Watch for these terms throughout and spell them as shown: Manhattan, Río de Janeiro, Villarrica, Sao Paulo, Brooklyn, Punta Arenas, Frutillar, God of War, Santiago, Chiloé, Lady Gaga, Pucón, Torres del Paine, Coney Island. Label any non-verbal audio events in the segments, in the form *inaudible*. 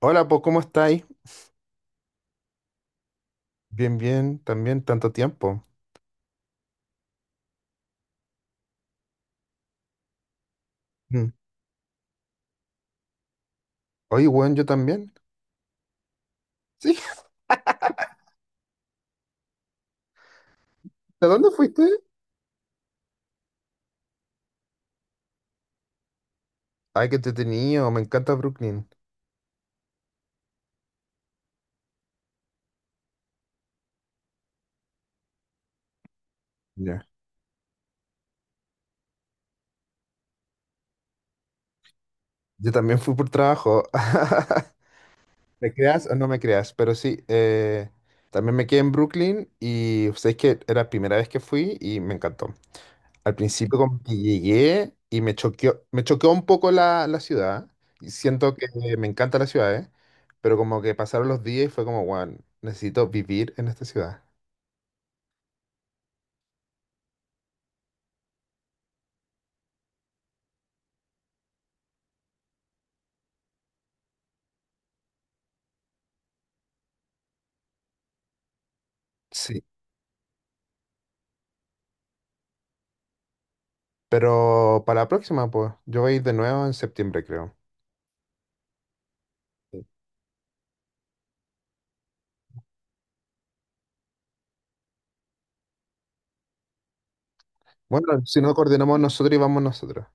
Hola, pues, ¿cómo estáis? Bien, bien, también, tanto tiempo. Mm. Oye, weón, yo también. Sí. *laughs* ¿A dónde fuiste? Ay, qué entretenido, me encanta Brooklyn. Ya. Yo también fui por trabajo. *laughs* ¿Me creas o no me creas? Pero sí, también me quedé en Brooklyn y sabéis que era la primera vez que fui y me encantó. Al principio como que llegué y me choqueó un poco la ciudad. Y siento que me encanta la ciudad, ¿eh? Pero como que pasaron los días y fue como, weón, necesito vivir en esta ciudad. Sí, pero para la próxima, pues, yo voy a ir de nuevo en septiembre, creo. Sí. Bueno, si no coordinamos nosotros y vamos nosotros.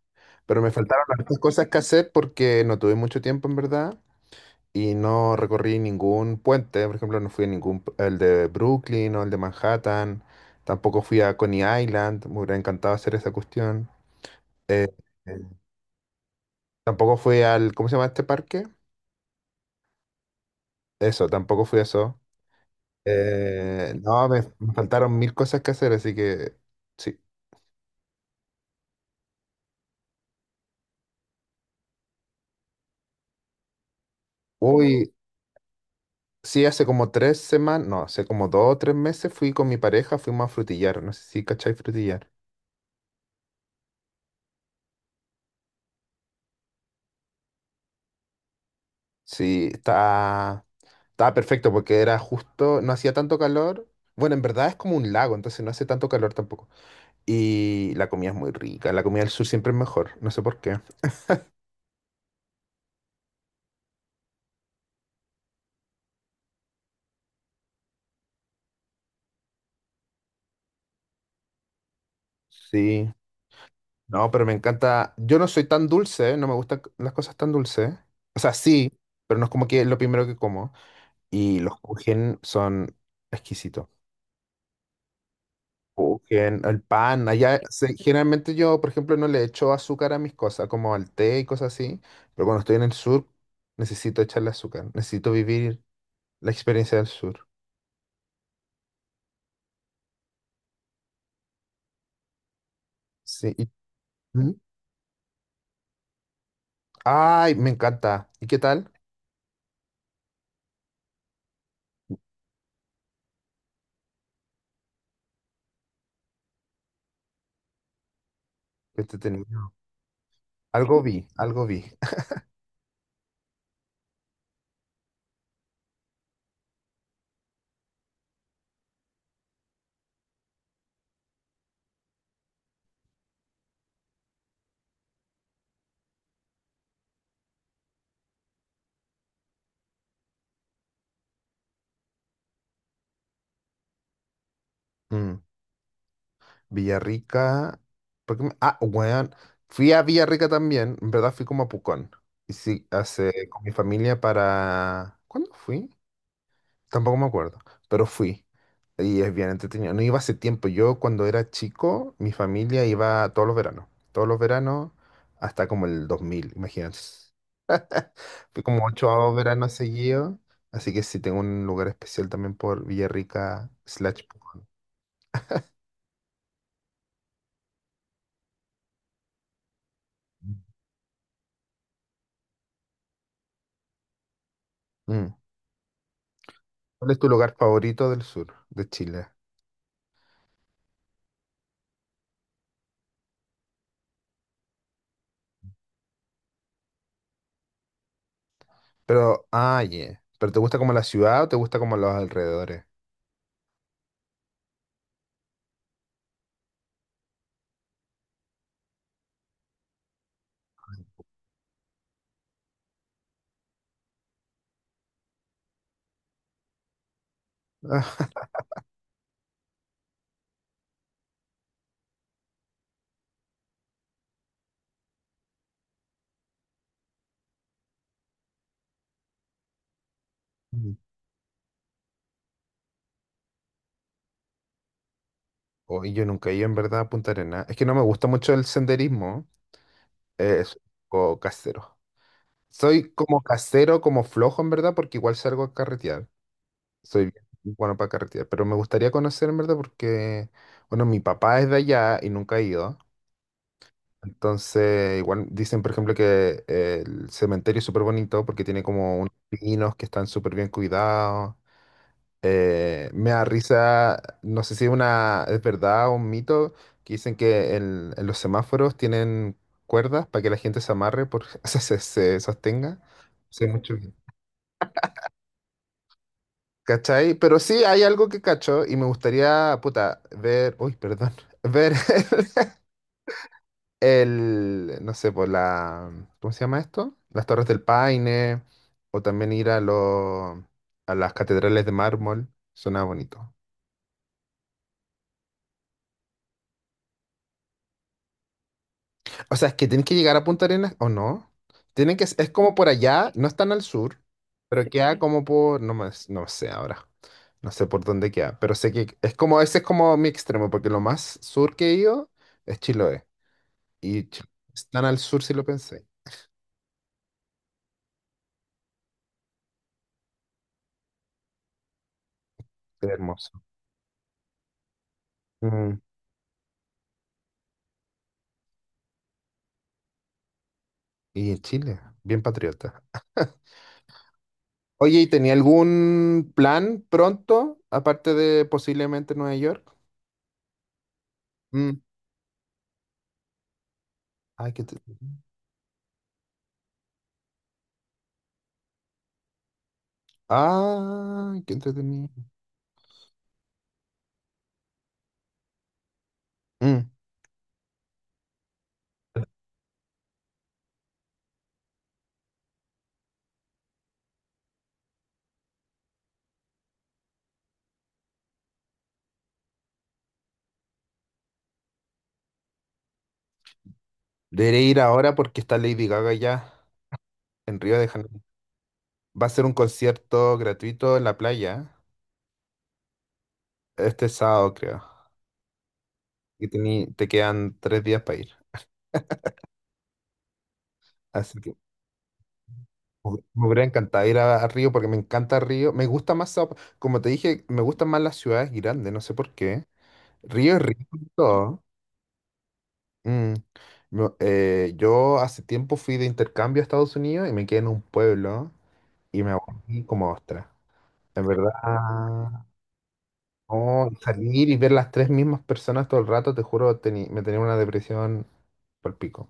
Pero me faltaron hartas cosas que hacer porque no tuve mucho tiempo, en verdad, y no recorrí ningún puente. Por ejemplo, no fui a ningún, el de Brooklyn o el de Manhattan. Tampoco fui a Coney Island. Me hubiera encantado hacer esa cuestión. Eh, Tampoco fui al, ¿cómo se llama este parque? Eso, tampoco fui a eso. No, me faltaron mil cosas que hacer, así que sí. Uy. Sí, hace como 3 semanas, no, hace como 2 o 3 meses fui con mi pareja, fuimos a Frutillar, no sé si cachai Frutillar. Sí, estaba perfecto porque era justo, no hacía tanto calor. Bueno, en verdad es como un lago, entonces no hace tanto calor tampoco. Y la comida es muy rica, la comida del sur siempre es mejor, no sé por qué. Sí, no, pero me encanta, yo no soy tan dulce, no me gustan las cosas tan dulces. O sea, sí, pero no es como que es lo primero que como. Y los kuchen son exquisitos. Oh, el pan, allá, generalmente yo, por ejemplo, no le echo azúcar a mis cosas, como al té y cosas así, pero cuando estoy en el sur, necesito echarle azúcar, necesito vivir la experiencia del sur. Sí. ¿Mm? Ay, me encanta. ¿Y qué tal? Qué entretenido. Algo vi, algo vi. *laughs* Mm, Villarrica. Ah, weón. Fui a Villarrica también. En verdad fui como a Pucón. Y sí, hace con mi familia para. ¿Cuándo fui? Tampoco me acuerdo, pero fui. Y es bien entretenido. No iba hace tiempo. Yo cuando era chico, mi familia iba todos los veranos. Todos los veranos hasta como el 2000, imagínate. Fui como 8 veranos seguidos. Así que sí, tengo un lugar especial también por Villarrica slash Pucón. Mm. ¿Cuál es tu lugar favorito del sur de Chile? Pero, ah, yeah. ¿Pero te gusta como la ciudad o te gusta como los alrededores? Ah, mm. Oye, yo nunca he ido en verdad a Punta Arenas. Es que no me gusta mucho el senderismo. Es o casero. Soy como casero, como flojo en verdad, porque igual salgo a carretear. Soy bien bueno para carretear, pero me gustaría conocer en verdad porque, bueno, mi papá es de allá y nunca ha ido. Entonces, igual dicen, por ejemplo, que el cementerio es súper bonito porque tiene como unos pinos que están súper bien cuidados. Me da risa, no sé si es una, es verdad o un mito, que dicen que en los semáforos tienen cuerdas para que la gente se amarre, por, *laughs* o sea, se sostenga. Sé mucho. ¿Cachai? Pero sí hay algo que cacho y me gustaría, puta, ver, uy, perdón, *laughs* ver *laughs* el, no sé, por la, ¿cómo se llama esto? Las Torres del Paine, o también ir a, los a las catedrales de mármol, suena bonito. O sea, es que tienen que llegar a Punta Arenas o no. Tienen que, es como por allá, no están al sur, pero queda como por, no más, no sé ahora, no sé por dónde queda, pero sé que es como, ese es como mi extremo, porque lo más sur que he ido es Chiloé. Y Chi- Están al sur si lo pensé. Qué hermoso. Mm, Y Chile, bien patriota. Oye, ¿y tenía algún plan pronto, aparte de posiblemente Nueva York? Mm. Ay, qué entretenido. Ah, qué entretenido. Mm. Deberé ir ahora porque está Lady Gaga ya en Río de Janeiro. Va a ser un concierto gratuito en la playa este sábado, creo. Y te quedan 3 días para ir. Así que me hubiera encantado ir a Río porque me encanta Río. Me gusta más, como te dije, me gustan más las ciudades grandes, no sé por qué. Río es rico y todo. Mm. No, yo hace tiempo fui de intercambio a Estados Unidos y me quedé en un pueblo y me aburrí como ostra. En verdad, oh, salir y ver las tres mismas personas todo el rato, te juro, me tenía una depresión por pico.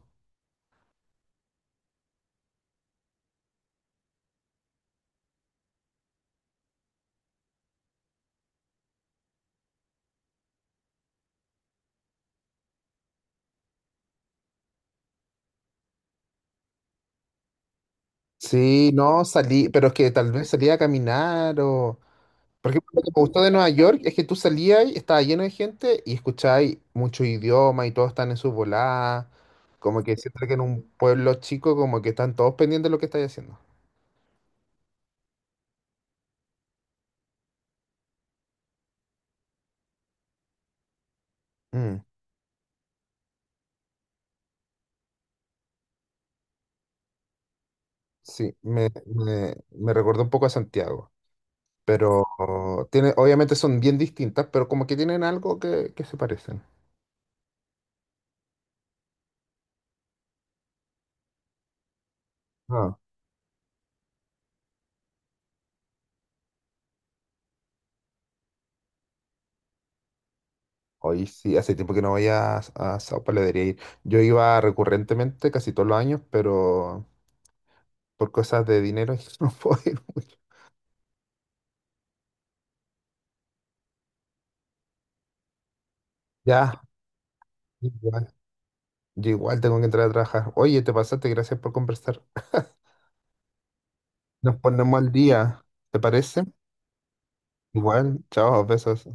Sí, no, salí, pero es que tal vez salía a caminar o... Por ejemplo, lo que me gustó de Nueva York es que tú salías y estaba lleno de gente y escucháis muchos idiomas y todos están en su volada. Como que siento que en un pueblo chico como que están todos pendientes de lo que estáis haciendo. Mm, sí, me recordó un poco a Santiago, pero tiene, obviamente son bien distintas, pero como que tienen algo que se parecen. Ah, hoy sí, hace tiempo que no voy a Sao Paulo, debería ir. Yo iba recurrentemente casi todos los años, pero por cosas de dinero *laughs* no puedo ir mucho. Ya, igual, yo igual tengo que entrar a trabajar. Oye, te pasaste, gracias por conversar. Nos ponemos al día, ¿te parece? Igual, chao, besos.